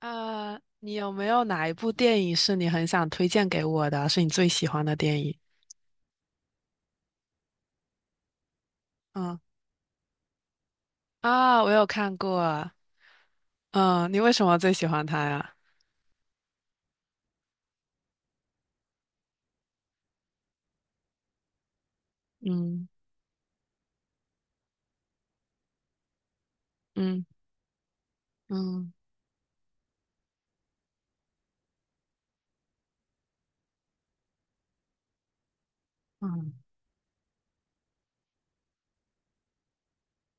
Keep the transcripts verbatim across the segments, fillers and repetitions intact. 呃，你有没有哪一部电影是你很想推荐给我的，是你最喜欢的电影？嗯啊，我有看过。嗯，你为什么最喜欢它呀？嗯嗯嗯嗯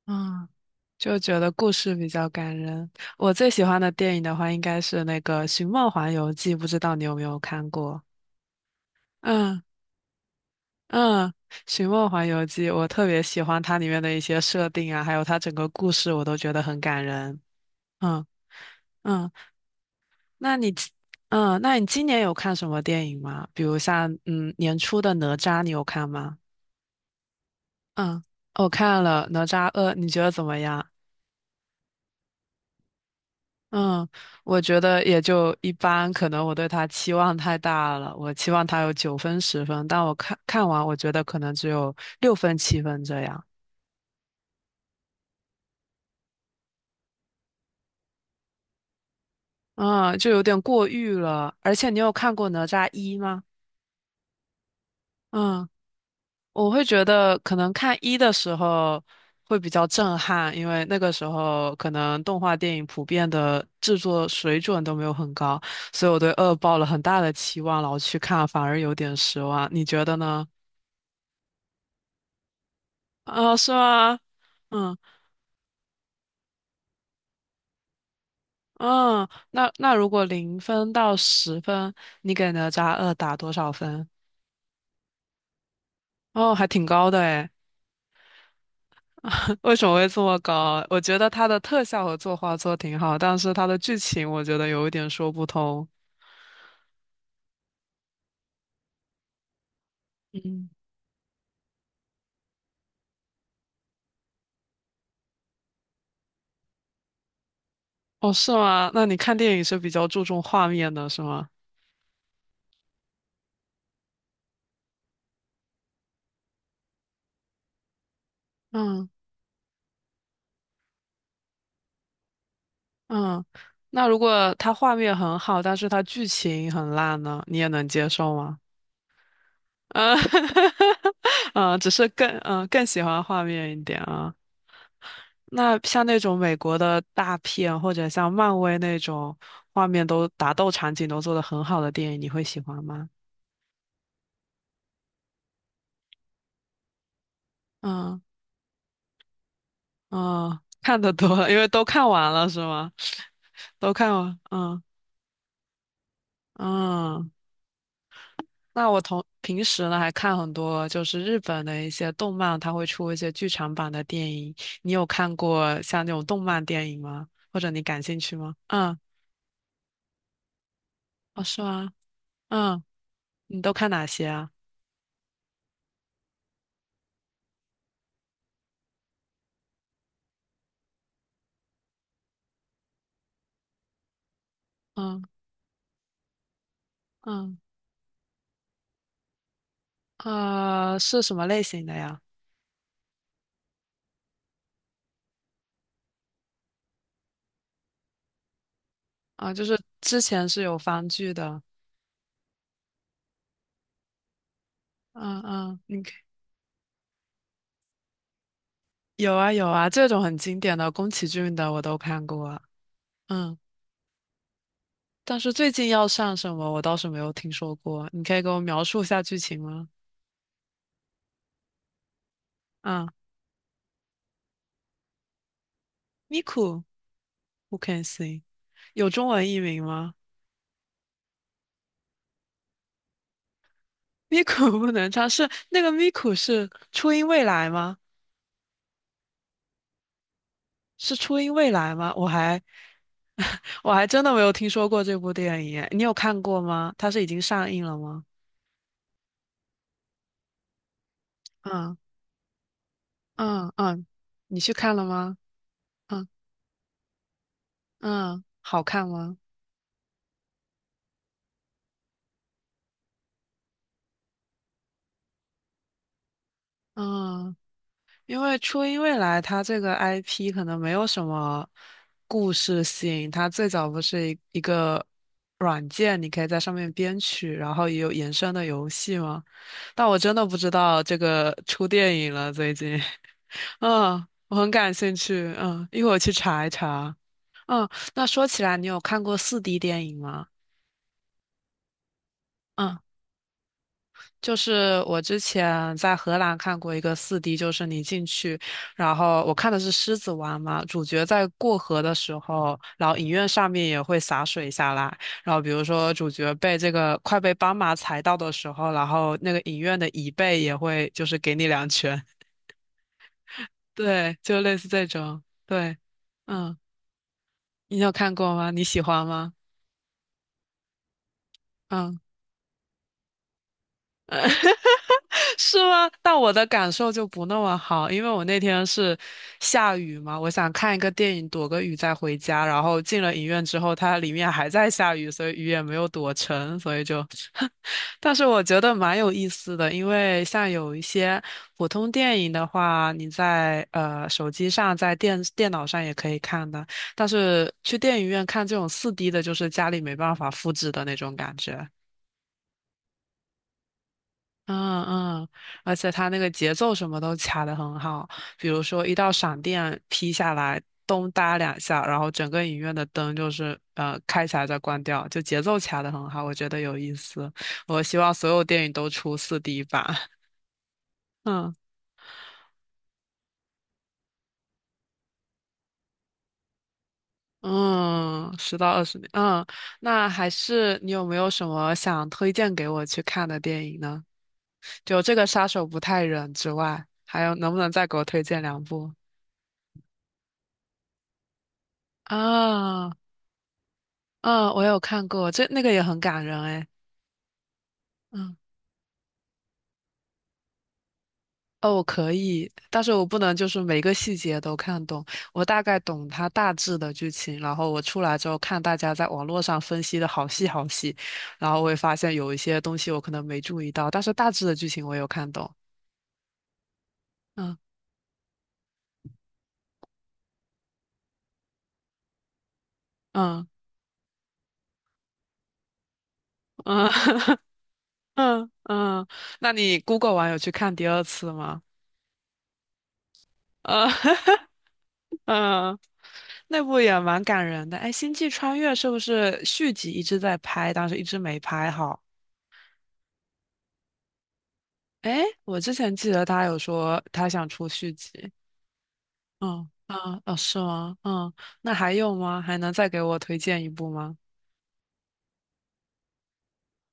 嗯，就觉得故事比较感人。我最喜欢的电影的话，应该是那个《寻梦环游记》，不知道你有没有看过？嗯嗯，《寻梦环游记》我特别喜欢它里面的一些设定啊，还有它整个故事，我都觉得很感人。嗯。嗯，那你今嗯，那你今年有看什么电影吗？比如像，嗯，年初的《哪吒》，你有看吗？嗯，我看了《哪吒二》，你觉得怎么样？嗯，我觉得也就一般，可能我对它期望太大了，我期望它有九分十分，但我看看完，我觉得可能只有六分七分这样，嗯，就有点过誉了。而且你有看过《哪吒一》吗？嗯。我会觉得可能看一的时候会比较震撼，因为那个时候可能动画电影普遍的制作水准都没有很高，所以我对二抱了很大的期望，然后去看反而有点失望。你觉得呢？啊，是吗？嗯嗯，那那如果零分到十分，你给哪吒二打多少分？哦，还挺高的诶。为什么会这么高啊？我觉得它的特效和作画做挺好，但是它的剧情我觉得有一点说不通。嗯，哦，是吗？那你看电影是比较注重画面的，是吗？嗯嗯，那如果它画面很好，但是它剧情很烂呢，你也能接受吗？嗯，嗯，只是更嗯更喜欢画面一点啊。那像那种美国的大片，或者像漫威那种画面都打斗场景都做得很好的电影，你会喜欢吗？嗯嗯，看得多了，因为都看完了是吗？都看完，嗯嗯。那我同平时呢还看很多就是日本的一些动漫，它会出一些剧场版的电影。你有看过像那种动漫电影吗？或者你感兴趣吗？嗯，哦，是吗？嗯，你都看哪些啊？嗯嗯，呃，是什么类型的呀？啊，就是之前是有番剧的。嗯嗯，你可有啊有啊，这种很经典的宫崎骏的我都看过啊嗯，但是最近要上什么我倒是没有听说过，你可以给我描述一下剧情吗？嗯。Miku,Who can sing？有中文译名吗？Miku 不能唱，是那个 Miku 是初音未来吗？是初音未来吗？我还 我还真的没有听说过这部电影耶你有看过吗？它是已经上映了吗？嗯嗯嗯，你去看了吗？嗯嗯，好看吗？嗯。因为初音未来它这个 I P 可能没有什么故事性，它最早不是一一个软件，你可以在上面编曲，然后也有延伸的游戏吗？但我真的不知道这个出电影了，最近，嗯，我很感兴趣，嗯，一会儿去查一查。嗯，那说起来，你有看过四 d 电影吗？嗯。就是我之前在荷兰看过一个四 d 就是你进去，然后我看的是《狮子王》嘛，主角在过河的时候，然后影院上面也会洒水下来，然后比如说主角被这个快被斑马踩到的时候，然后那个影院的椅背也会就是给你两拳，对，就类似这种，对，嗯，你有看过吗？你喜欢吗？嗯。是吗？但我的感受就不那么好，因为我那天是下雨嘛，我想看一个电影躲个雨再回家，然后进了影院之后，它里面还在下雨，所以雨也没有躲成，所以就，但是我觉得蛮有意思的，因为像有一些普通电影的话，你在呃手机上、在电电脑上也可以看的，但是去电影院看这种 四 D 的，就是家里没办法复制的那种感觉。嗯嗯，而且它那个节奏什么都卡得很好，比如说一道闪电劈下来，咚哒两下，然后整个影院的灯就是呃开起来再关掉，就节奏卡得很好，我觉得有意思。我希望所有电影都出四 d 版。嗯嗯，十到二十年，嗯，那还是你有没有什么想推荐给我去看的电影呢？就这个杀手不太冷之外，还有能不能再给我推荐两部？啊嗯，我有看过，这那个也很感人哎。嗯，哦，我可以，但是我不能就是每个细节都看懂，我大概懂它大致的剧情，然后我出来之后看大家在网络上分析的好细好细，然后我也发现有一些东西我可能没注意到，但是大致的剧情我有看懂。嗯嗯嗯 嗯嗯，那你 Google 完有去看第二次吗？嗯 嗯，那部也蛮感人的。哎，《星际穿越》是不是续集一直在拍，但是一直没拍好？哎，我之前记得他有说他想出续集。嗯啊哦，是吗？嗯，那还有吗？还能再给我推荐一部吗？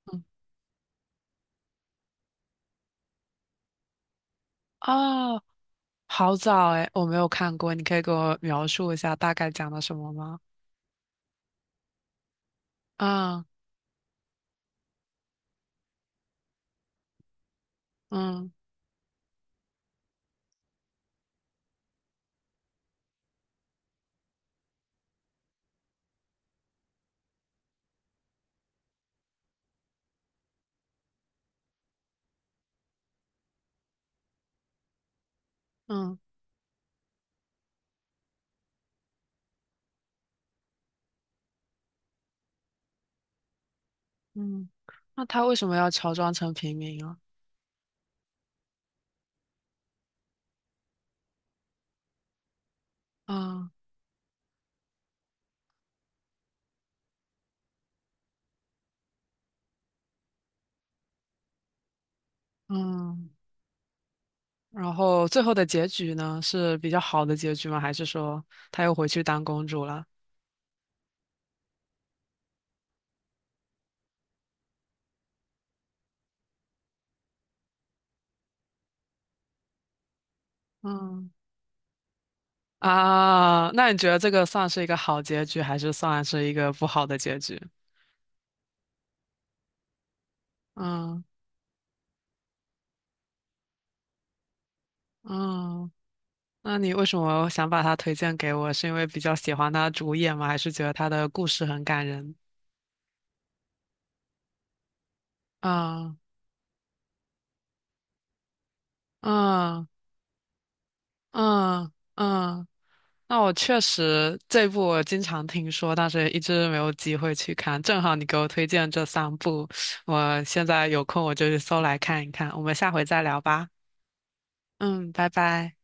嗯哦，好早哎，我没有看过，你可以给我描述一下大概讲的什么吗？啊嗯嗯嗯，那他为什么要乔装成平民啊？啊嗯。然后最后的结局呢，是比较好的结局吗？还是说他又回去当公主了？嗯啊，那你觉得这个算是一个好结局，还是算是一个不好的结局？嗯嗯，那你为什么想把它推荐给我？是因为比较喜欢他主演吗？还是觉得他的故事很感人？嗯嗯嗯嗯那我确实这部我经常听说，但是一直没有机会去看。正好你给我推荐这三部，我现在有空我就去搜来看一看。我们下回再聊吧。嗯，拜拜。